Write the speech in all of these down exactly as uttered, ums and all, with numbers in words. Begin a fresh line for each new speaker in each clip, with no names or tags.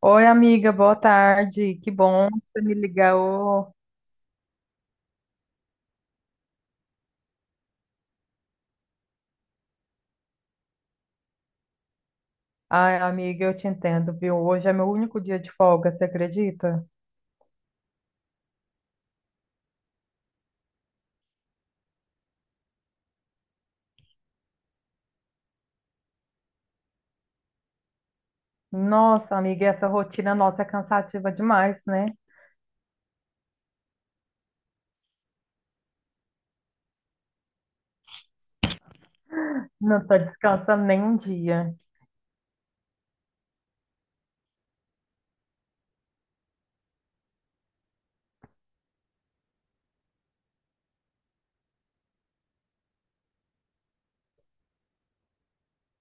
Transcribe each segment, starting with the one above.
Oi, amiga, boa tarde. Que bom que você me ligou. Ai, amiga, eu te entendo, viu? Hoje é meu único dia de folga, você acredita? Nossa, amiga, essa rotina nossa é cansativa demais, né? Não tô descansando nem um dia.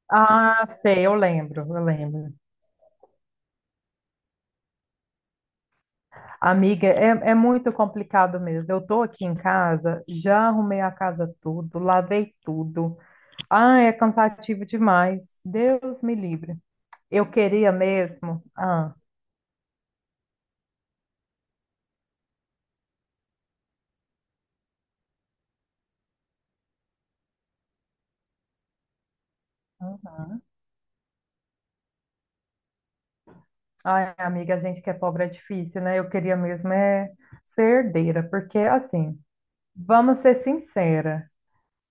Ah, sei, eu lembro, eu lembro. Amiga, é, é muito complicado mesmo. Eu tô aqui em casa, já arrumei a casa tudo, lavei tudo. Ah, é cansativo demais. Deus me livre. Eu queria mesmo. Ah. Ai, amiga, a gente que é pobre é difícil, né? Eu queria mesmo é ser herdeira, porque assim, vamos ser sincera,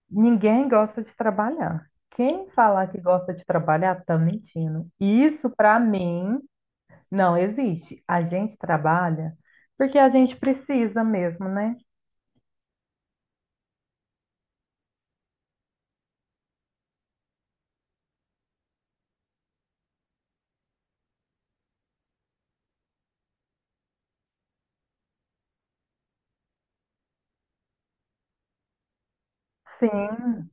ninguém gosta de trabalhar. Quem falar que gosta de trabalhar tá mentindo. Isso para mim não existe. A gente trabalha porque a gente precisa mesmo, né? Sim,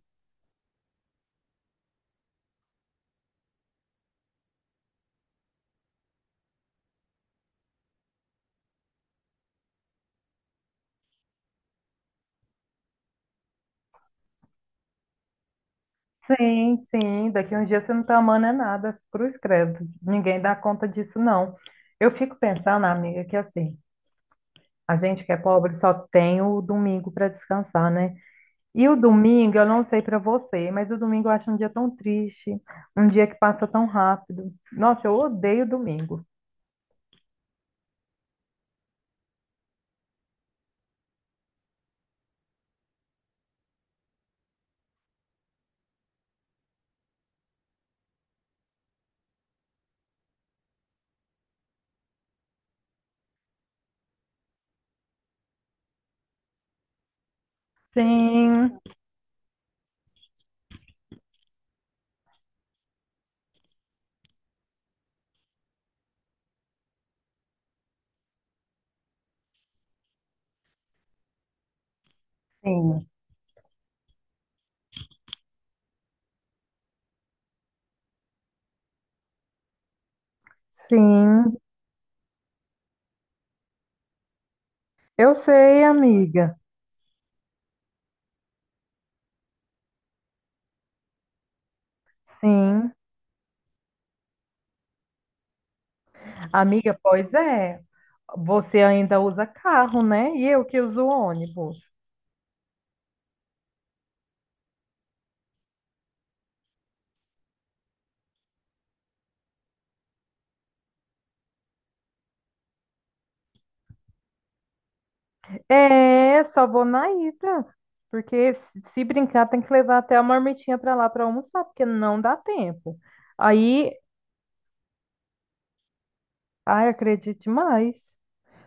sim, sim. Daqui uns dias você não tá amando é nada, cruz credo. Ninguém dá conta disso, não. Eu fico pensando, amiga, que assim. A gente que é pobre só tem o domingo para descansar, né? E o domingo, eu não sei para você, mas o domingo eu acho um dia tão triste, um dia que passa tão rápido. Nossa, eu odeio domingo. Sim, sim, sim. Eu sei, amiga. Sim. Amiga, pois é. Você ainda usa carro, né? E eu que uso ônibus. É, só vou na ida. Porque se se brincar, tem que levar até a marmitinha pra lá pra almoçar, porque não dá tempo. Aí, ai, acredite mais.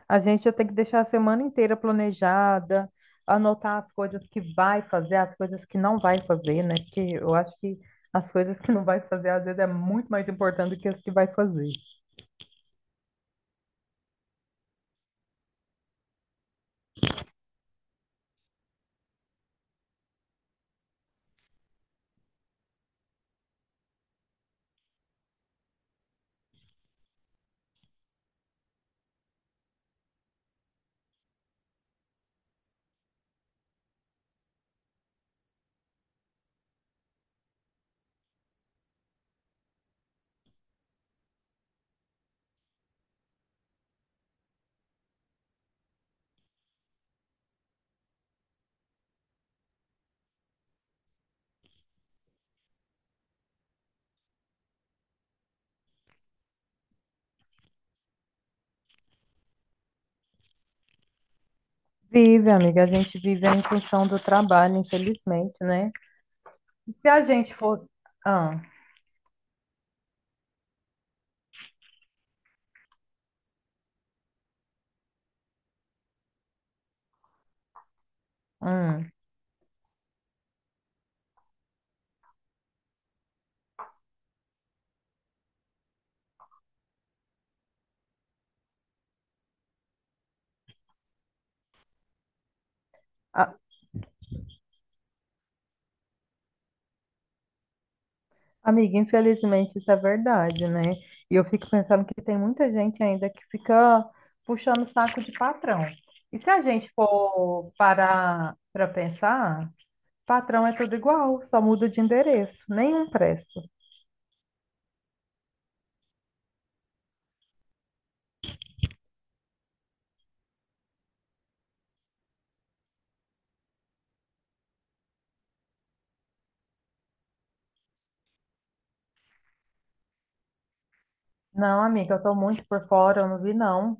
A gente já tem que deixar a semana inteira planejada, anotar as coisas que vai fazer, as coisas que não vai fazer, né? Porque eu acho que as coisas que não vai fazer, às vezes, é muito mais importante do que as que vai fazer. Vive, amiga, a gente vive em função do trabalho, infelizmente, né? E se a gente fosse. Ah, hum. Amiga, infelizmente isso é verdade, né? E eu fico pensando que tem muita gente ainda que fica puxando o saco de patrão. E se a gente for parar para pensar, patrão é tudo igual, só muda de endereço, nenhum presta. Não, amiga, eu tô muito por fora, eu não vi não.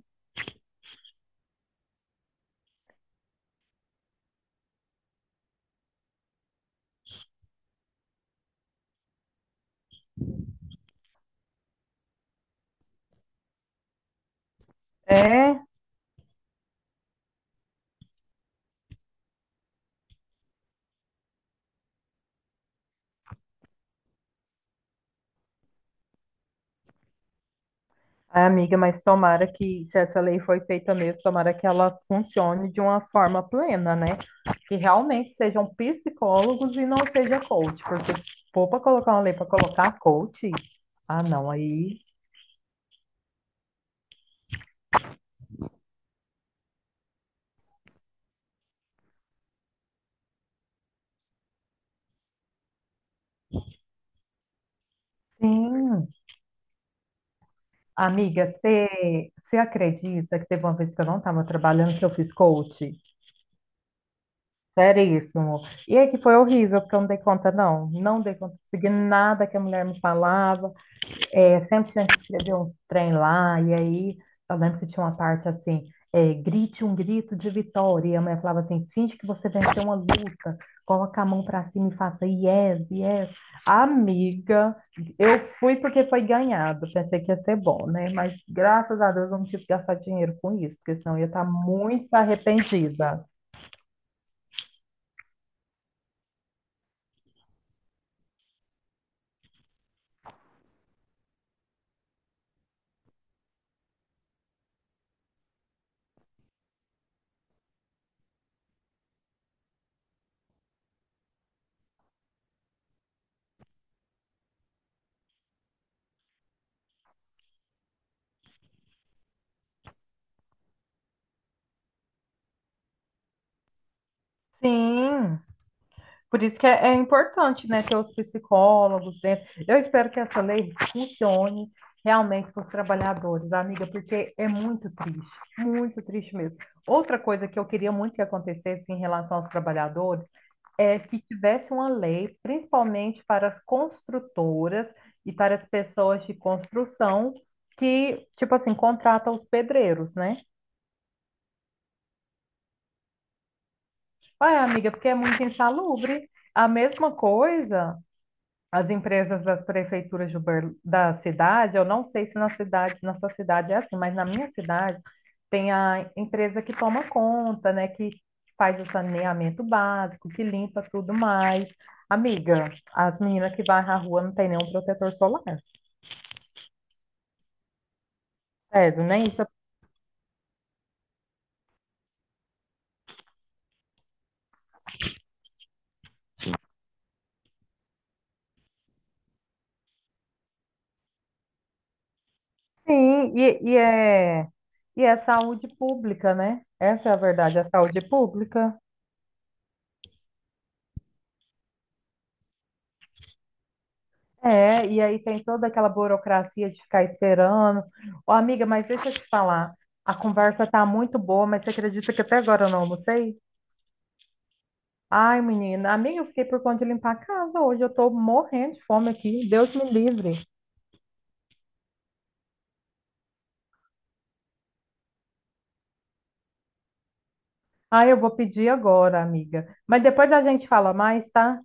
É. Ai, amiga, mas tomara que, se essa lei foi feita mesmo, tomara que ela funcione de uma forma plena, né? Que realmente sejam psicólogos e não seja coach, porque se for para colocar uma lei para colocar coach, ah, não, aí sim. Amiga, você você acredita que teve uma vez que eu não estava trabalhando que eu fiz coach? Seríssimo. E aí que foi horrível, porque eu não dei conta, não. Não dei conta de seguir nada que a mulher me falava. É, sempre tinha que escrever uns trem lá, e aí eu lembro que tinha uma parte assim, é, grite um grito de vitória, e a mulher falava assim, finge que você venceu uma luta, coloca a mão pra cima e faça yes, yes. Amiga, eu fui porque foi ganhado, pensei que ia ser bom, né? Mas graças a Deus eu não tive que gastar dinheiro com isso, porque senão eu ia estar muito arrependida. Sim. Por isso que é, é importante, né, ter os psicólogos dentro. Eu espero que essa lei funcione realmente para os trabalhadores, amiga, porque é muito triste, muito triste mesmo. Outra coisa que eu queria muito que acontecesse em relação aos trabalhadores é que tivesse uma lei, principalmente para as construtoras e para as pessoas de construção que, tipo assim, contratam os pedreiros, né? Ué, amiga, porque é muito insalubre. A mesma coisa as empresas das prefeituras de Uber- da cidade, eu não sei se na cidade, na sua cidade é assim, mas na minha cidade tem a empresa que toma conta, né, que faz o saneamento básico, que limpa tudo mais. Amiga, as meninas que vai na rua não tem nenhum protetor solar. Sério, né? Isso é- Sim, e, e é e é saúde pública, né? Essa é a verdade, é saúde pública. É, e aí tem toda aquela burocracia de ficar esperando. Ô, amiga, mas deixa eu te falar. A conversa tá muito boa, mas você acredita que até agora eu não almocei? Ai, menina, amiga, eu fiquei por conta de limpar a casa hoje. Eu tô morrendo de fome aqui. Deus me livre. Ai, eu vou pedir agora, amiga. Mas depois a gente fala mais, tá?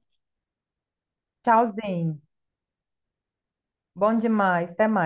Tchauzinho. Bom demais. Até mais.